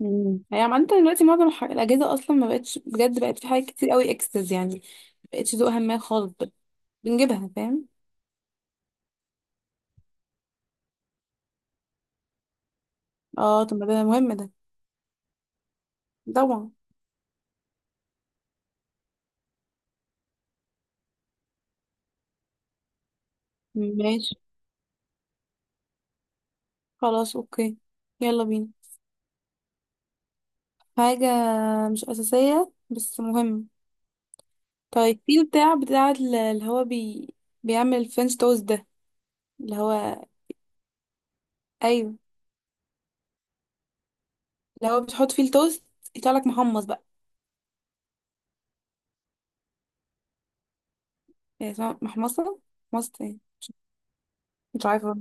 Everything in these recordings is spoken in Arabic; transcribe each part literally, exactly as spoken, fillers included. امم يعني عامة دلوقتي معظم الح- الأجهزة أصلا ما بقتش، بجد بقت في حاجات كتير قوي إكسس يعني، ما بقتش ذوقها ما خالص بقى. بنجيبها، فاهم؟ اه طب ما ده مهم ده، طبعا. ماشي، خلاص أوكي. يلا بينا. حاجة مش أساسية بس مهم. طيب في بتاع بتاع ال- اللي هو بي... بيعمل الفرنش توست ده، اللي هو. أيوه، اللي هو بتحط فيه التوست يطلع لك محمص بقى، يعني اسمها محمصة. محمصة ايه؟ مش عارفة.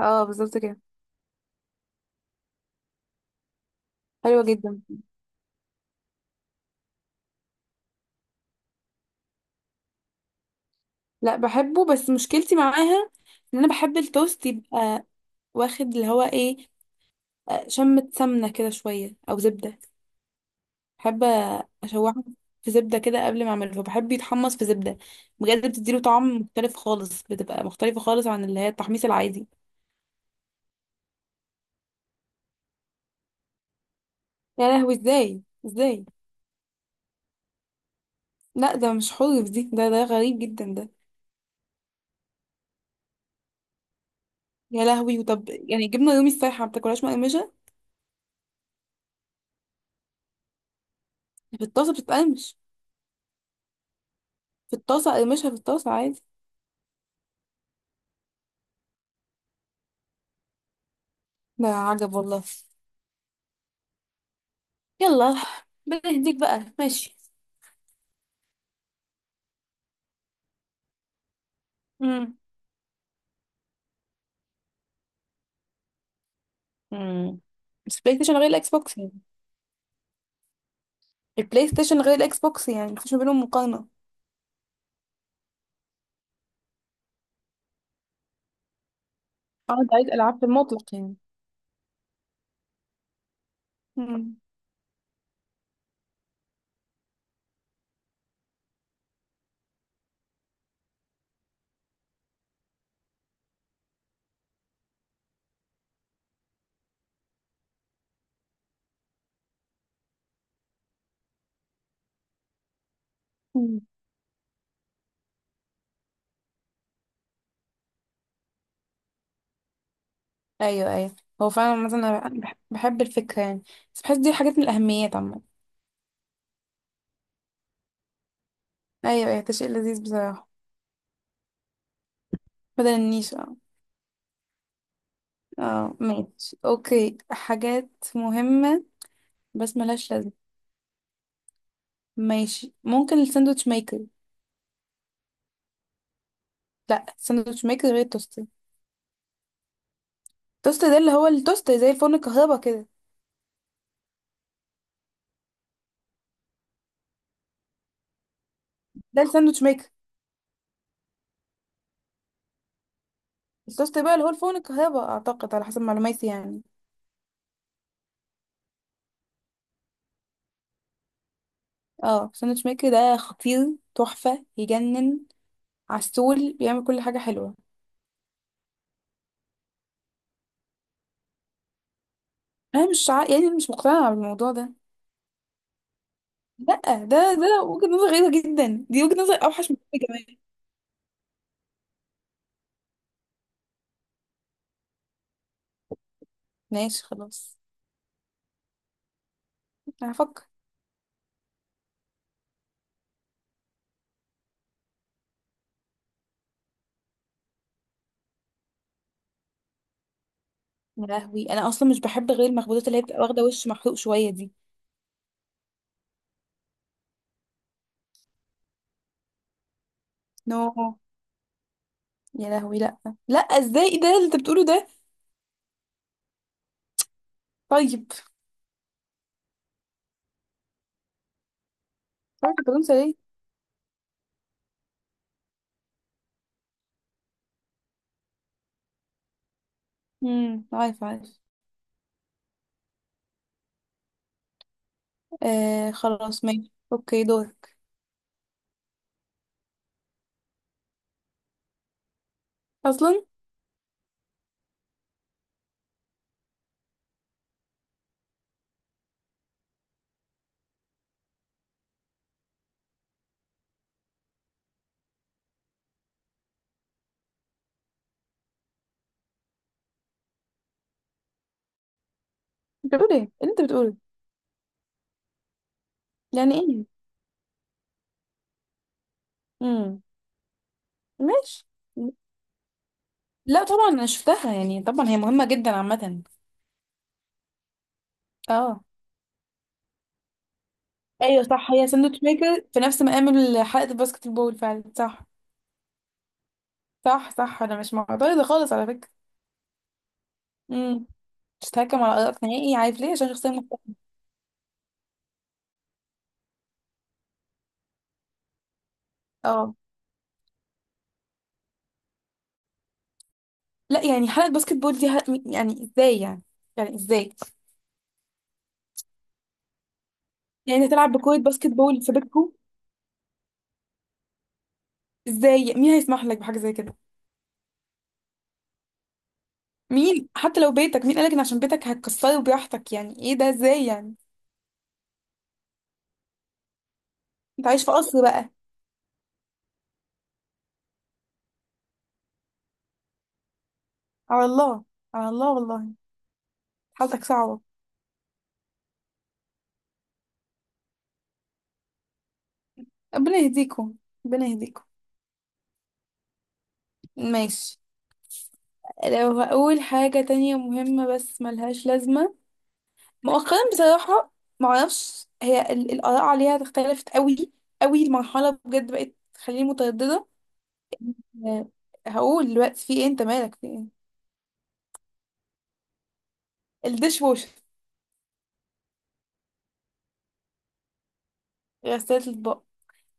اه بالظبط كده. حلوة جدا. لا بحبه، بس مشكلتي معاها ان انا بحب التوست يبقى واخد اللي هو ايه، آه، شمة سمنة كده شوية او زبدة. بحب اشوحه في زبدة كده قبل ما اعمله، فبحب يتحمص في زبدة. بجد بتديله طعم مختلف خالص، بتبقى مختلفة خالص عن اللي هي التحميص العادي. يا لهوي، ازاي ازاي؟ لا ده مش حلو، دي ده ده غريب جدا ده. يا لهوي، وطب يعني جبنة رومي السايحة ما بتاكلهاش مقرمشة؟ في الطاسة بتتقرمش. في الطاسة اقرمشها، في الطاسة عادي. ده عجب والله. يلا، بنهديك بقى؟ ماشي. امم. امم، بس بلاي ستيشن غير الاكس بوكس يعني. البلاي ستيشن غير الاكس بوكس يعني، مفيش ما بينهم مقارنة. اه انت عايز العاب في المطلق يعني. امم. أمم. ايوه ايوه، هو فعلا مثلا انا بح- بحب الفكرة يعني، بس بحس دي حاجات من الاهميات عامة. ايوه ايوه، ده شيء لذيذ بصراحة. بدل النيش؟ اه. اه ماشي اوكي، حاجات مهمة بس ملهاش لازمة. ماشي، ممكن الساندوتش ميكر. لا، الساندوتش ميكر غير التوستر. التوستر ده اللي هو التوستر زي الفرن الكهرباء كده. ده الساندوتش ميكر. الصوص بقى اللي هو الفول الكهرباء اعتقد، على حسب معلوماتي يعني. اه ساندوتش ميكر ده خطير، تحفة، يجنن. عسول، بيعمل كل حاجة حلوة. انا مش عا... يعني مش مقتنعة بالموضوع ده. لا ده ده وجهة نظر غريبة جدا، دي وجهة نظر اوحش من كده كمان. ماشي خلاص. انا هفكر. يا لهوي، انا اصلا مش بحب غير المخبوزات اللي هي بتبقى واخدة وش محروق شوية دي. نو، يا لهوي لا. لا، ازاي؟ إيه ده اللي انت بتقوله ده؟ طيب. عارف انت ليه؟ امم، عارف عارف. آه خلاص ماشي اوكي، دورك. اصلا. انت بتقول ايه اللي انت بتقوله؟ يعني ايه؟ امم. ماشي. لا طبعا انا شفتها، يعني طبعا هي مهمة جدا عامة. اه. ايوه صح، هي ساندوتش ميكر في نفس مقام حلقة الباسكت بول، فعلا صح. صح صح، انا مش معترضة خالص على فكرة. امم. مش هتهكم على ارائك نهائي، عارف ليه؟ عشان شخصية مختلفة. اه. لا يعني حلقة باسكت بول دي ه- يعني ازاي يعني؟ يعني ازاي؟ يعني تلعب بكرة باسكت بول في بيتكم؟ ازاي؟ مين هيسمح لك بحاجة زي كده؟ مين؟ حتى لو بيتك، مين قالك ان عشان بيتك هتكسره براحتك؟ يعني ايه ده؟ ازاي يعني؟ انت عايش في قصر بقى؟ على الله. على الله والله. حالتك صعبة. ربنا يهديكم، ربنا يهديكم. ماشي. لو هقول حاجة تانية مهمة بس ملهاش لازمة. مؤخرا بصراحة، معرفش هي ال- الآراء عليها اختلفت قوي قوي. المرحلة بجد بقت تخليني مترددة. آه، هقول دلوقتي في ايه، انت مالك في ايه. الديش واشر، غسالة الأطباق.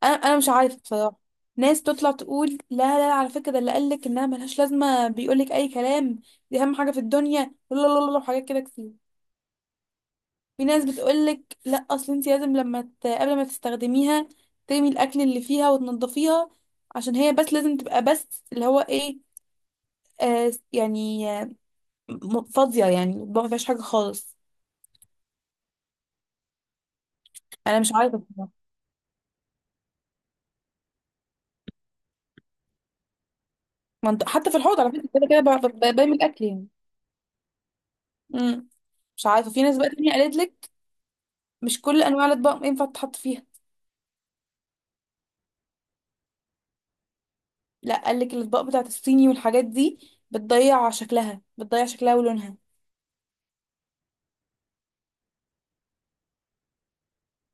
انا انا مش عارفه بصراحه. ناس تطلع تقول لا لا، على فكره ده اللي قالك انها ملهاش لازمه بيقولك اي كلام، دي اهم حاجه في الدنيا، لا لا لا لا، وحاجات كده كتير. في ناس بتقولك لا اصل انت لازم لما ت... قبل ما تستخدميها ترمي الاكل اللي فيها وتنضفيها، عشان هي بس لازم تبقى بس اللي هو ايه، آه يعني آه، م- فاضيه، يعني ما فيهاش حاجه خالص. انا مش عارفه بصراحة. ما انت حتى في الحوض على فكره كده كده ب- ب- برمي الاكل يعني. مم. مش عارفه، في ناس بقى تانية قالت لك مش كل انواع الاطباق ينفع تتحط فيها. لا قال لك الاطباق بتاعت الصيني والحاجات دي بتضيع شكلها، بتضيع شكلها ولونها.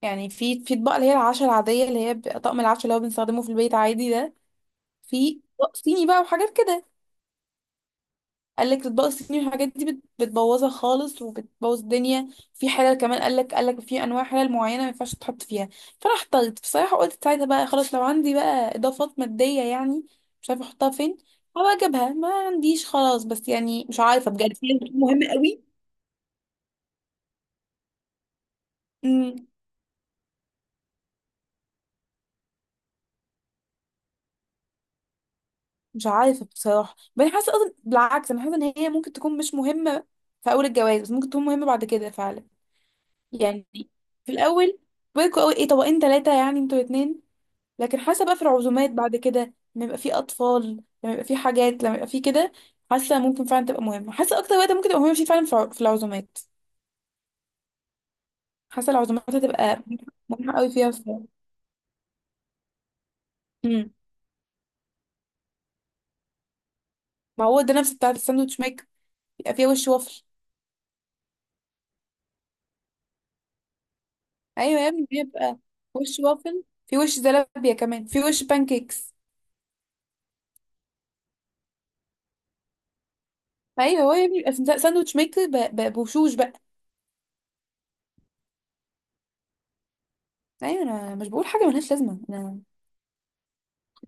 يعني في في اطباق اللي هي العشا العاديه اللي هي بيبقى طقم العشا اللي هو بنستخدمه في البيت عادي ده، في اطباق صيني بقى وحاجات كده. قال لك الاطباق الصيني والحاجات دي بت- بتبوظها خالص وبتبوظ الدنيا. في حلل كمان قال لك، قال لك في انواع حلل معينه ما ينفعش تحط فيها. فانا احتجت بصراحه، قلت ساعتها بقى خلاص لو عندي بقى اضافات ماديه يعني، مش عارفه احطها فين، هبقى اجيبها. ما عنديش خلاص، بس يعني مش عارفه بجد هي مهمه قوي. مش عارفة بصراحة، بس أنا حاسة أصلا بالعكس، أنا حاسة إن هي ممكن تكون مش مهمة في أول الجواز بس، ممكن تكون مهمة بعد كده فعلا. يعني في الأول بيكوا أوي، إيه، طبقين تلاتة يعني انتوا الاتنين، لكن حاسة بقى في العزومات بعد كده، لما يبقى في أطفال، لما يبقى في حاجات، لما يبقى في كده، حاسة ممكن فعلا تبقى مهمة. حاسة أكتر وقت ممكن تبقى مهمة فيه فعلا في الع- في العزومات. حاسة العزومات هتبقى مهمة أوي فيها فعلا. أمم. ما هو ده نفس بتاعة الساندوتش ميك. يبقى فيها وش وفل. ايوه يا ابني، بيبقى وش وافل، في وش زلابيا كمان، في وش بانكيكس. ايوه هو يا ابني بيبقى في ساندوتش ميكر ب- ب- بوشوش بقى. ايوه انا مش بقول حاجه ملهاش لازمه انا.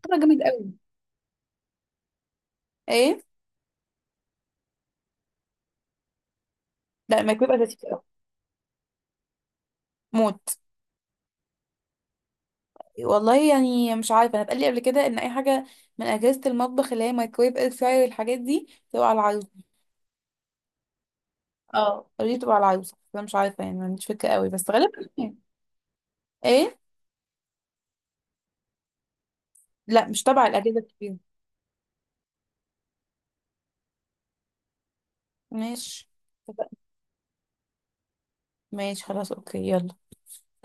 طبعا جامد قوي. ايه؟ لا ما بيبقى لذيذ قوي، موت. والله يعني مش عارفه، انا اتقال لي قبل كده ان اي حاجه من اجهزه المطبخ اللي هي مايكرويف، اير فراير، الحاجات دي تبقى على العروسه. اه قالوا لي تبقى على العروسه، انا مش عارفه يعني، ما عنديش فكره قوي بس غالبا يعني. ايه؟ لا مش تبع الاجهزه الكبيره. ماشي، اتفقنا. ماشي خلاص اوكي، يلا.